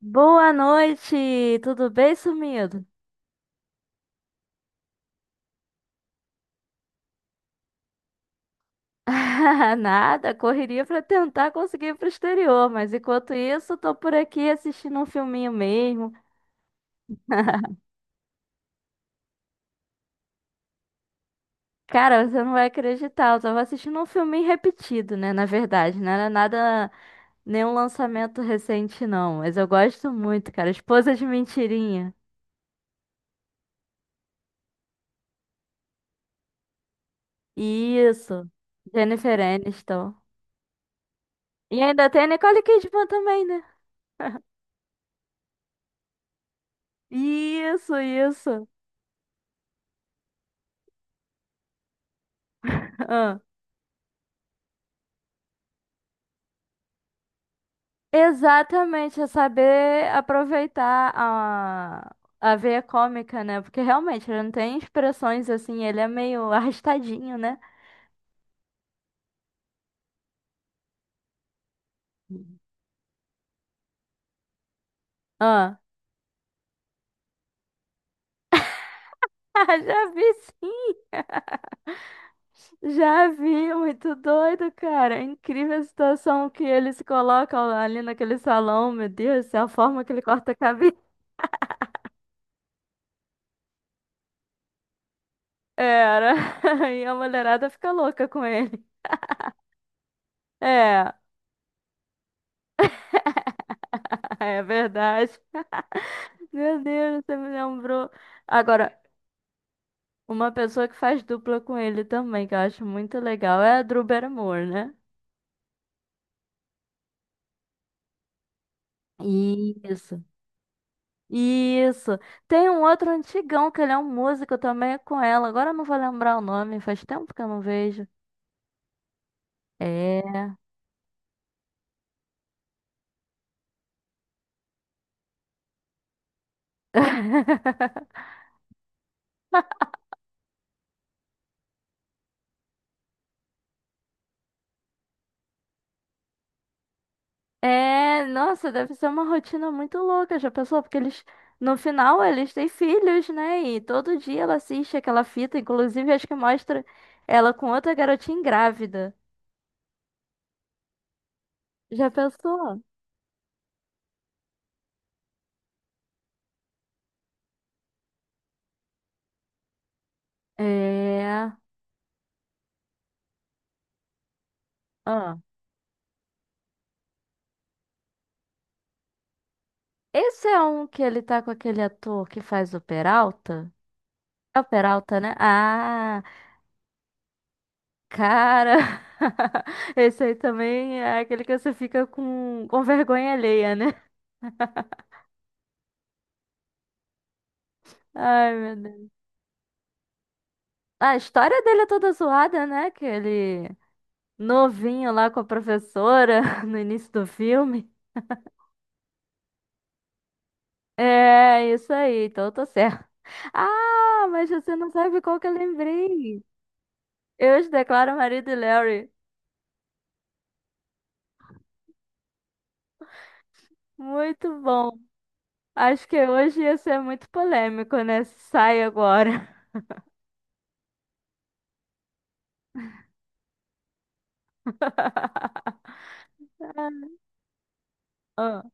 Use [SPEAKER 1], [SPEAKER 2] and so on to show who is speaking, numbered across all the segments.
[SPEAKER 1] Boa noite! Tudo bem, sumido? Nada, correria pra tentar conseguir ir pro exterior, mas enquanto isso, tô por aqui assistindo um filminho mesmo. Cara, você não vai acreditar, eu tava assistindo um filminho repetido, né? Na verdade, não era nada, nenhum lançamento recente, não, mas eu gosto muito, cara. Esposa de Mentirinha. Isso, Jennifer Aniston. E ainda tem a Nicole Kidman também, né? Isso, isso. Exatamente, é saber aproveitar a veia cômica, né? Porque realmente ele não tem expressões assim, ele é meio arrastadinho, né? Ah. Já vi sim, já vi, muito doido, cara. É incrível a situação que ele se coloca ali naquele salão, meu Deus, do céu, a forma que ele corta a cabeça. Era, e a mulherada fica louca com ele. É, é verdade. Meu Deus, você me lembrou. Agora, uma pessoa que faz dupla com ele também, que eu acho muito legal, é a Drew Barrymore, né? Isso. Isso. Tem um outro antigão que ele é um músico também é com ela. Agora eu não vou lembrar o nome, faz tempo que eu não vejo. É. É, nossa, deve ser uma rotina muito louca, já pensou? Porque eles, no final, eles têm filhos, né? E todo dia ela assiste aquela fita, inclusive acho que mostra ela com outra garotinha grávida. Já pensou? É. Ah. Esse é um que ele tá com aquele ator que faz o Peralta? É o Peralta, né? Ah, cara! Esse aí também é aquele que você fica com vergonha alheia, né? Ai, meu Deus. A história dele é toda zoada, né? Que ele novinho lá com a professora no início do filme. É, isso aí, então eu tô certo. Ah, mas você não sabe qual que eu lembrei. Eu os declaro marido e Larry. Muito bom. Acho que hoje ia ser muito polêmico, né? Sai agora. Ah.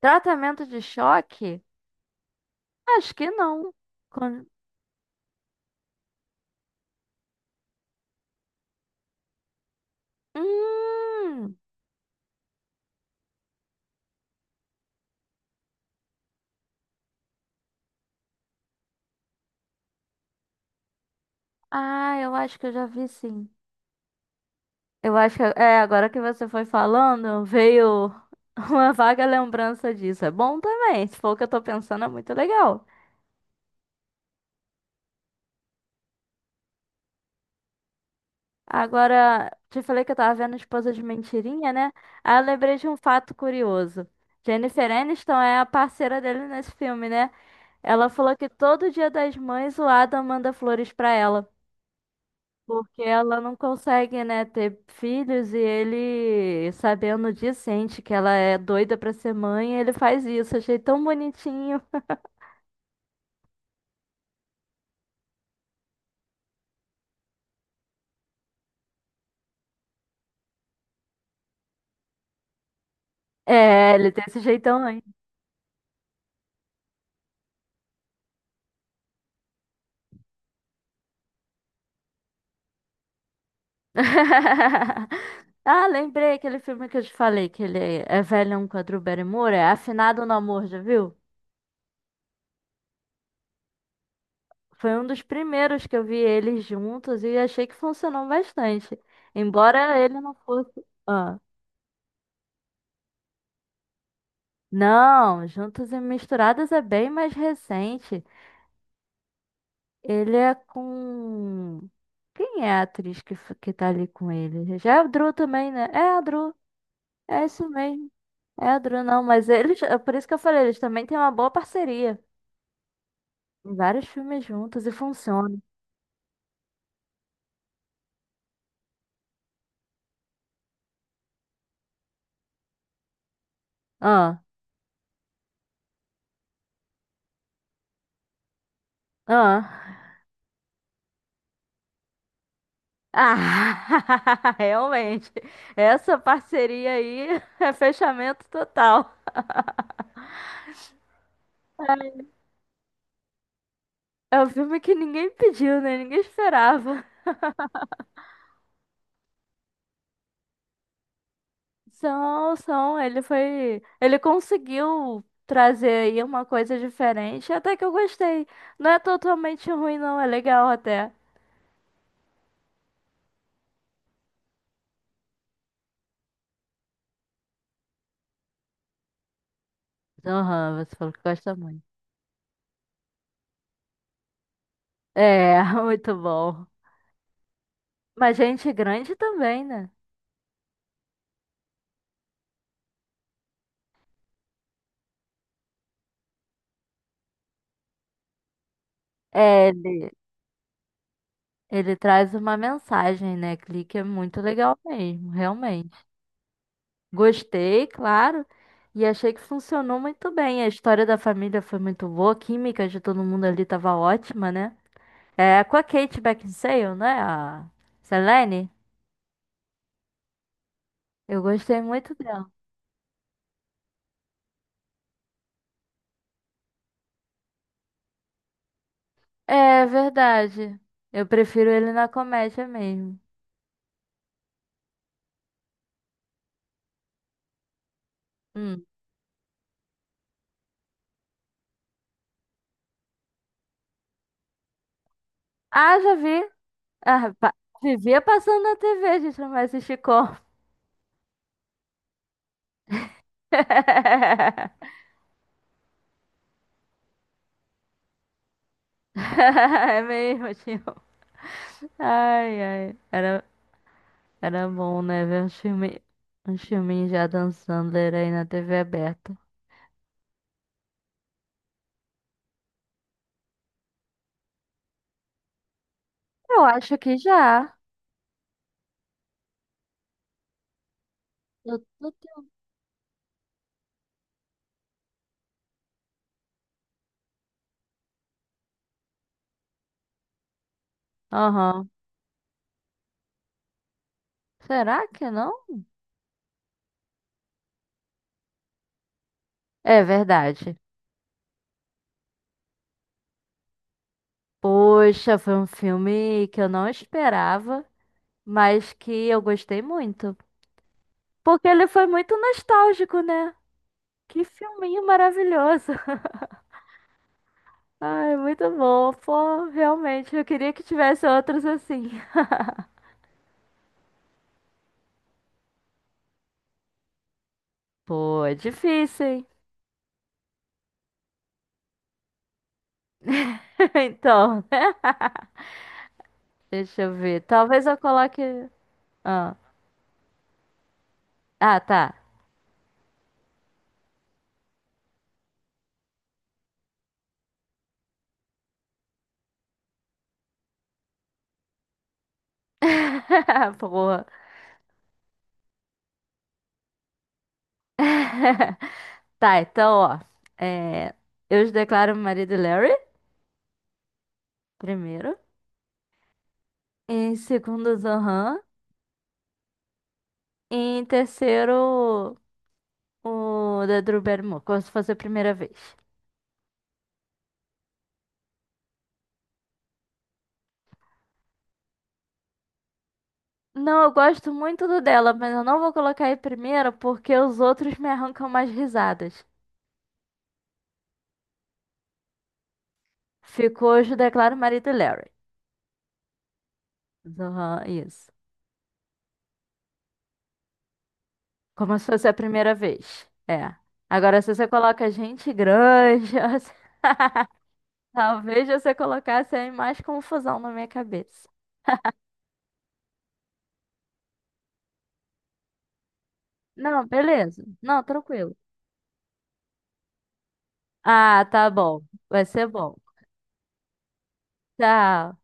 [SPEAKER 1] Tratamento de choque? Acho que não. Con- Hum. Ah, eu acho que eu já vi sim. Eu acho que é agora que você foi falando, veio uma vaga lembrança disso. É bom também, se for o que eu tô pensando, é muito legal. Agora, te falei que eu tava vendo Esposa de Mentirinha, né? Aí eu lembrei de um fato curioso. Jennifer Aniston é a parceira dele nesse filme, né? Ela falou que todo dia das mães o Adam manda flores pra ela, porque ela não consegue, né, ter filhos e ele, sabendo disso, sente que ela é doida pra ser mãe, e ele faz isso. Achei tão bonitinho. É, ele tem esse jeitão aí. Ah, lembrei aquele filme que eu te falei, que ele é velhão com a Drew Barrymore, é Afinado no Amor, já viu? Foi um dos primeiros que eu vi eles juntos e achei que funcionou bastante. Embora ele não fosse. Ah. Não, Juntos e Misturados é bem mais recente. Ele é com. Quem é a atriz que, f- que tá ali com ele? Já é a Drew também, né? É a Drew. É isso mesmo. É a Drew, não, mas eles. É por isso que eu falei, eles também têm uma boa parceria. Em vários filmes juntos e funciona. Ah, ah. Ah, realmente. Essa parceria aí é fechamento total. É um filme que ninguém pediu, né? Ninguém esperava. São, são, ele foi, ele conseguiu trazer aí uma coisa diferente, até que eu gostei. Não é totalmente ruim, não, é legal até. Aham, você falou que gosta muito. É, muito bom. Mas gente grande também, né? É, ele traz uma mensagem, né? Clique é muito legal mesmo, realmente. Gostei, claro, e achei que funcionou muito bem. A história da família foi muito boa, a química de todo mundo ali tava ótima, né? É, com a Kate Beckinsale, né? A Selene. Eu gostei muito dela. É verdade. Eu prefiro ele na comédia mesmo. Hum. Ah, já vi. Ah, pa- Vivia passando na TV, a gente não vai assistir como. É mesmo, tio. Ai, ai. Era, era bom, né? Ver um filme, um filminhos já dançando era aí na TV aberta. Eu acho que já. Eu tô... te- Aham. Será que não? É verdade. Poxa, foi um filme que eu não esperava, mas que eu gostei muito. Porque ele foi muito nostálgico, né? Que filminho maravilhoso. Ai, muito bom. Pô, realmente, eu queria que tivesse outros assim. Pô, é difícil, hein? Então, né? Deixa eu ver. Talvez eu coloque. Ah, ah, tá. Porra. Tá, então, ó. É... Eu os declaro meu marido Larry, primeiro. Em segundo, Zohan. E em terceiro, o da Drew Barrymore, como se fosse a primeira vez. Não, eu gosto muito do dela, mas eu não vou colocar em primeira porque os outros me arrancam mais risadas. Ficou hoje, declaro marido e Larry. Zohan, isso. Como se fosse a primeira vez. É. Agora, se você coloca gente grande, talvez você colocasse aí mais confusão na minha cabeça. Não, beleza. Não, tranquilo. Ah, tá bom. Vai ser bom. Tchau.